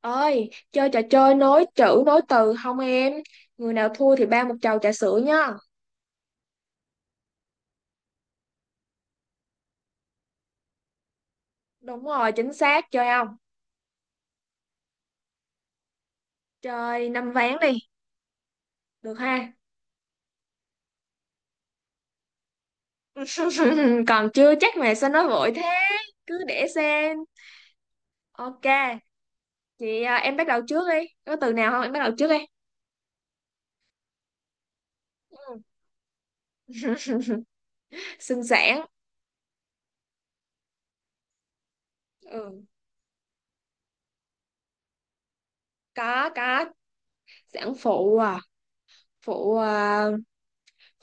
Ơi, chơi trò chơi nối chữ nối từ không em? Người nào thua thì ba một chầu trà sữa nhá. Đúng rồi, chính xác, chơi không? Chơi năm ván đi, được ha. Còn chưa chắc mà sao nói vội thế. Cứ để xem. Ok. Chị à, em bắt đầu trước đi, có từ nào không, em bắt đầu trước đi. Ừ. Sinh sản. Ừ. Có có. Sản phụ à. Phụ à,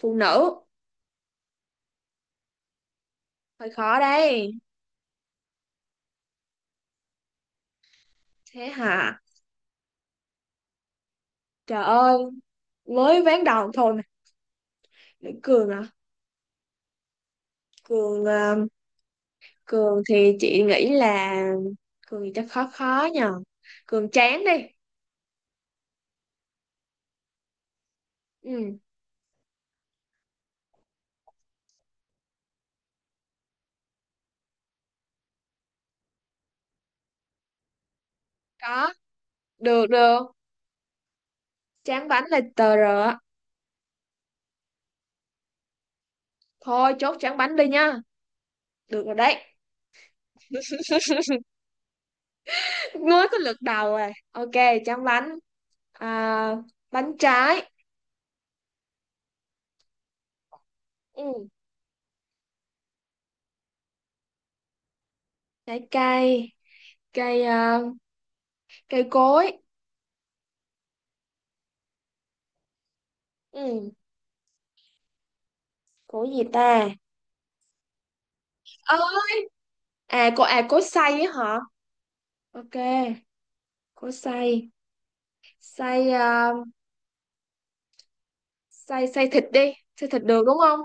phụ nữ. Hơi khó đây. Thế hả? Trời ơi, mới ván đầu thôi mà. Để cười mà. Cường Cường thì chị nghĩ là Cường thì chắc khó khó nhờ. Cường chán đi. Ừ. Có, được được. Tráng bánh là tờ rờ á. Thôi chốt tráng bánh đi nha, được rồi đấy. Mới có lượt đầu rồi, ok. Tráng bánh, à, bánh trái. Ừ, trái cây. Cây cây cối. Ừ, cối gì ta? Ơ, à cô, à cối xay á hả? Ok, cối xay. Xay xay xay thịt đi. Xay thịt được đúng không?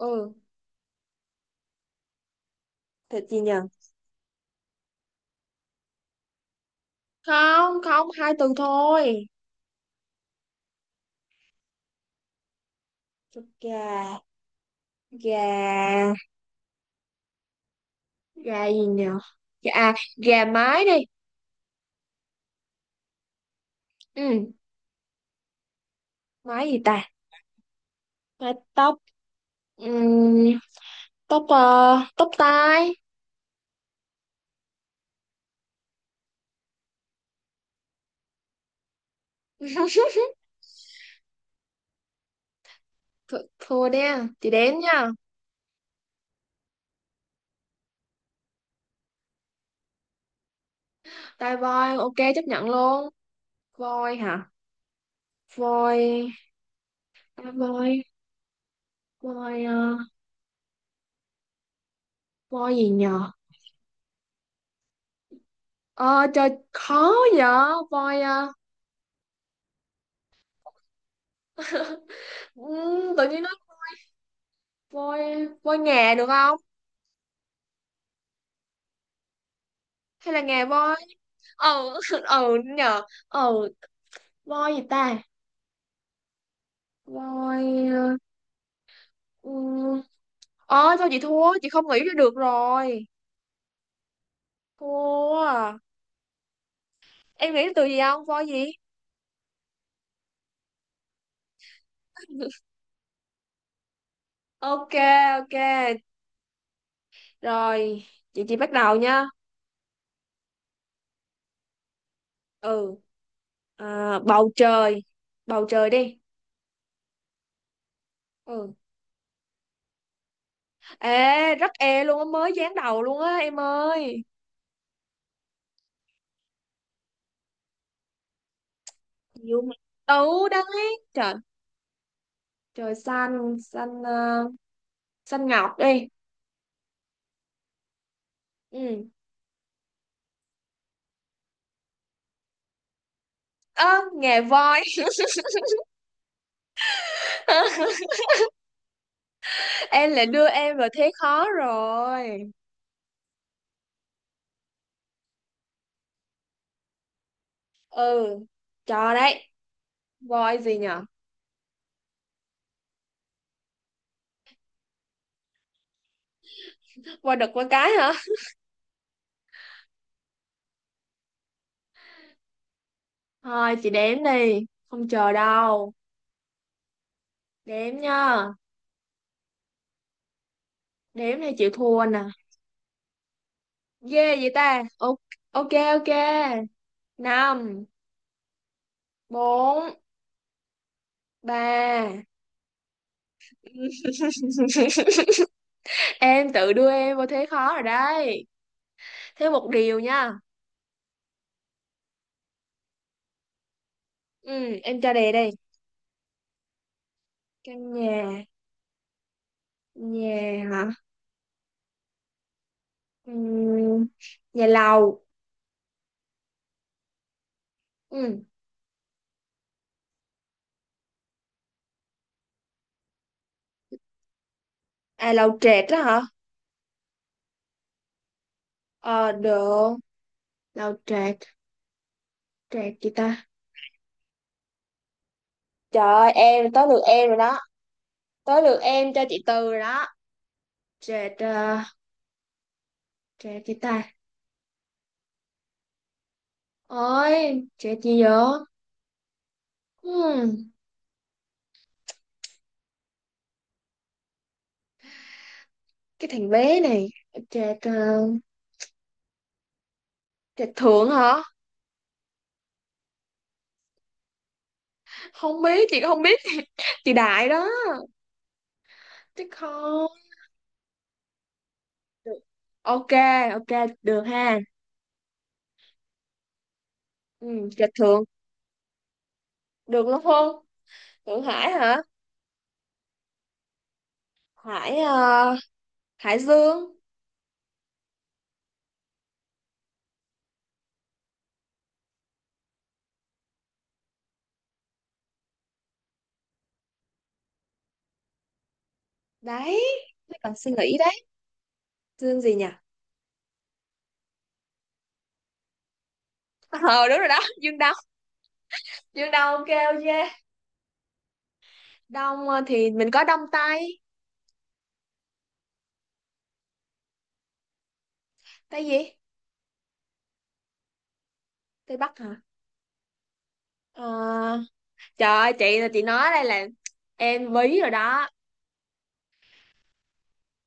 Ừ. Thịt gì nhỉ? Không không, hai từ thôi. Thịt gà. Gà, gà gì nhỉ? Gà à, gà mái đi. Ừ. Mái gì ta? Mái tóc. Ừ, tóc tóc tai. Thua nha, chị đếm nha. Tai voi ok, chấp nhận luôn. Voi hả? Voi, tai voi. Voi voi gì nhờ? Ờ Trời khó vậy. Voi ừ, tự nhiên nó voi. Voi nghè được không, hay là nghè voi? ờ ờ nhờ. Ờ, voi gì ta? Voi ờ ờ, thôi chị thua, chị không nghĩ ra được rồi. Thua à. Em nghĩ từ gì không, voi gì? Ok. Ok. Rồi, chị bắt đầu nha. Ừ, à, bầu trời. Bầu trời đi. Ừ. Ê, rất e luôn á, mới dán đầu luôn á em ơi. Chịu mà. Ừ, đấy trời. Trời xanh, xanh xanh ngọc đi. Ừ. Ơ, nghề voi. Em lại đưa em vào thế khó rồi. Ừ, cho đấy. Voi gì nhở? Voi đực con cái hả? Thôi chị đếm đi, không chờ đâu. Đếm nha. Đếm thì chịu thua nè. Ghê vậy ta. Ok, ok. Ok. Năm, bốn, ba. Em tự đưa em vào thế khó rồi đấy. Thế một điều nha. Ừ, em cho đề đây. Căn nhà, nhà hả? Ừ, nhà lầu. Ừ. À, lầu trệt đó hả? Ờ, được. Lầu trệt, trệt gì ta? Trời ơi, em, tới lượt em rồi đó. Tới lượt em cho chị Từ rồi đó. Trệt, trệt gì ta? Ôi, trệt gì vậy? Hmm, cái thằng bé này. Trệt, trệt thượng hả? Không biết, chị cũng không biết. Chị Đại đó. Chứ không. Được. Ok, ok, được ha. Ừ, Trạch Thượng được luôn không? Thượng Hải hả? Hải Hải Dương. Đấy, mới cần suy nghĩ đấy. Dương gì nhỉ? Ờ, đúng rồi đó, Dương Đông. Dương Đông ok ok. Đông thì mình có Đông Tây. Tây gì? Tây Bắc hả? Ờ, trời ơi, chị là chị nói đây là em bí rồi đó.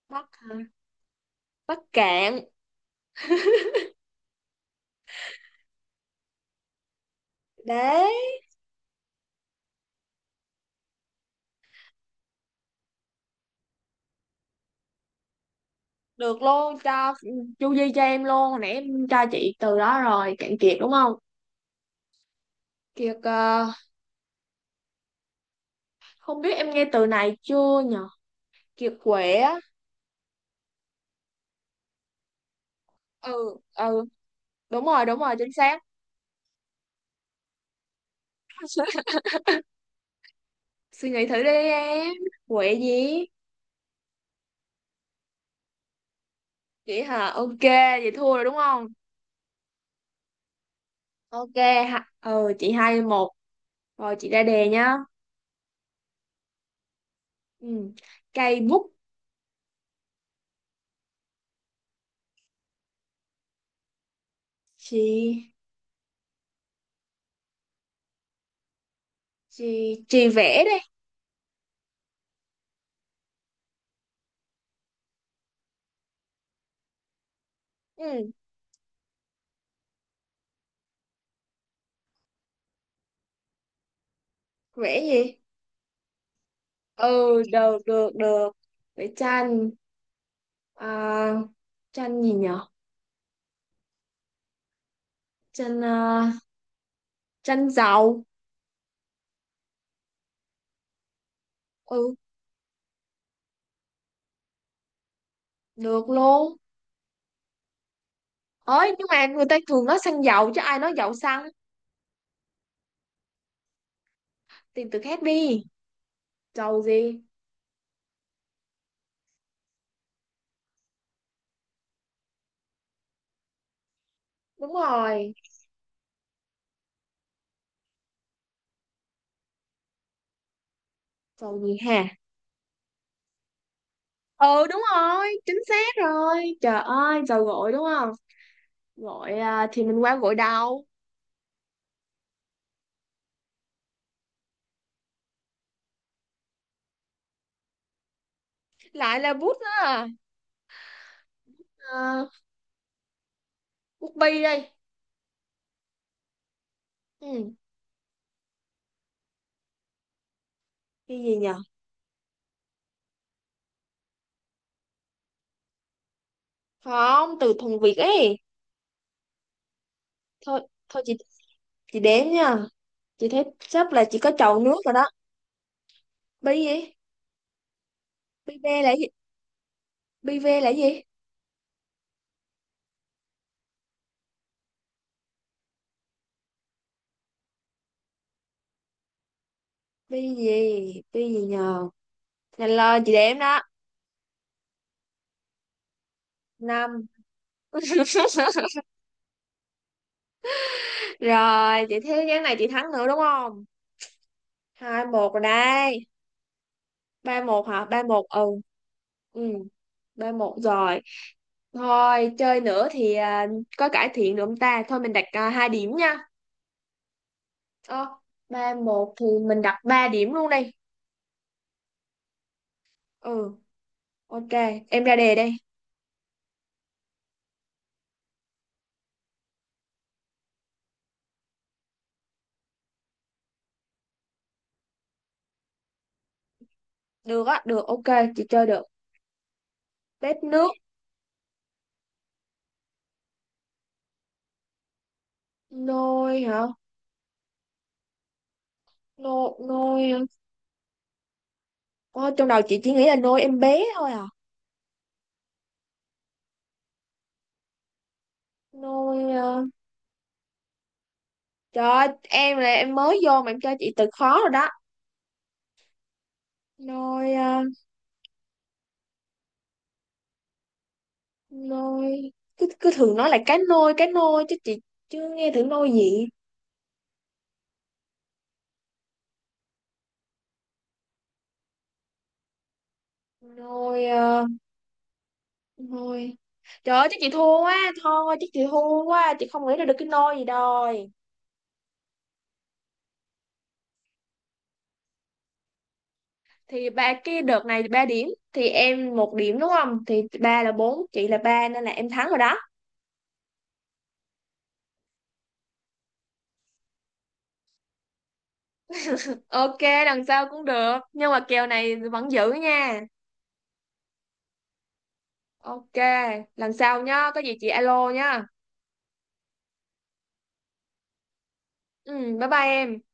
Bắc hả? Bắc Cạn. Đấy, được luôn, cho chu di cho em luôn, hồi nãy em cho chị từ đó rồi. Cạn Kiệt đúng không? Kiệt không biết em nghe từ này chưa nhỉ? Kiệt quệ á. Ừ ừ, đúng rồi đúng rồi, chính xác. Suy nghĩ thử đi em, quệ gì? Chị hả? Ok, vậy thua rồi đúng không? Ok. Ha. Ừ, chị hai một. Rồi chị ra đề nhá. Ừ. Cây bút. Chị chị chị vẽ đây. Ừ. Vẽ gì? Ừ, được được được. Vẽ tranh, à, tranh gì nhở? Tranh à, tranh dầu. Ừ. Được luôn. Ơi, nhưng mà người ta thường nói xăng dầu, chứ ai nói dầu xăng? Tìm từ khác đi. Trầu gì? Đúng rồi. Trầu gì hả? Ừ, đúng rồi, chính xác rồi, trời ơi, trầu gội đúng không? Gội à, thì mình qua gội đầu. Lại là bút đó à, à bút bi đây. Ừ. Cái gì nhờ? Không, từ thuần Việt ấy. Thôi thôi chị, đếm nha. Chị thấy sắp là chỉ có trầu nước rồi đó. Bi gì? Bi bê là gì? Bi bê là gì? Bi gì, bi gì nhờ? Nhanh lên chị đếm đó. Năm. Rồi, chị thấy ván này chị thắng nữa đúng không? Hai một rồi đây. 3-1 hả? Ba một ừ. Ừ, 3-1 rồi. Thôi, chơi nữa thì à, có cải thiện được không ta? Thôi mình đặt à, 2 điểm nha. Ờ, 3-1 thì mình đặt 3 điểm luôn đi. Ừ, ok. Em ra đề đây. Được á, được, ok. Chị chơi được. Bếp nước. Nôi hả? Nôi, nôi. Ờ, trong đầu chị chỉ nghĩ là nôi em bé thôi à. Nôi... à, trời ơi, em là em mới vô mà em cho chị từ khó rồi đó. Nôi à, nôi. Cứ cứ thường nói là cá nôi chứ chị chưa nghe thử nôi gì. Nôi à, nôi, trời ơi chắc chị thua quá. Thôi chắc chị thua quá chị không nghĩ ra được cái nôi gì đòi. Thì ba cái đợt này ba điểm, thì em một điểm đúng không, thì ba là bốn, chị là ba, nên là em thắng rồi đó. Ok. Lần sau cũng được, nhưng mà kèo này vẫn giữ nha. Ok. Lần sau nhá, có gì chị alo nhá. Ừ, bye bye em.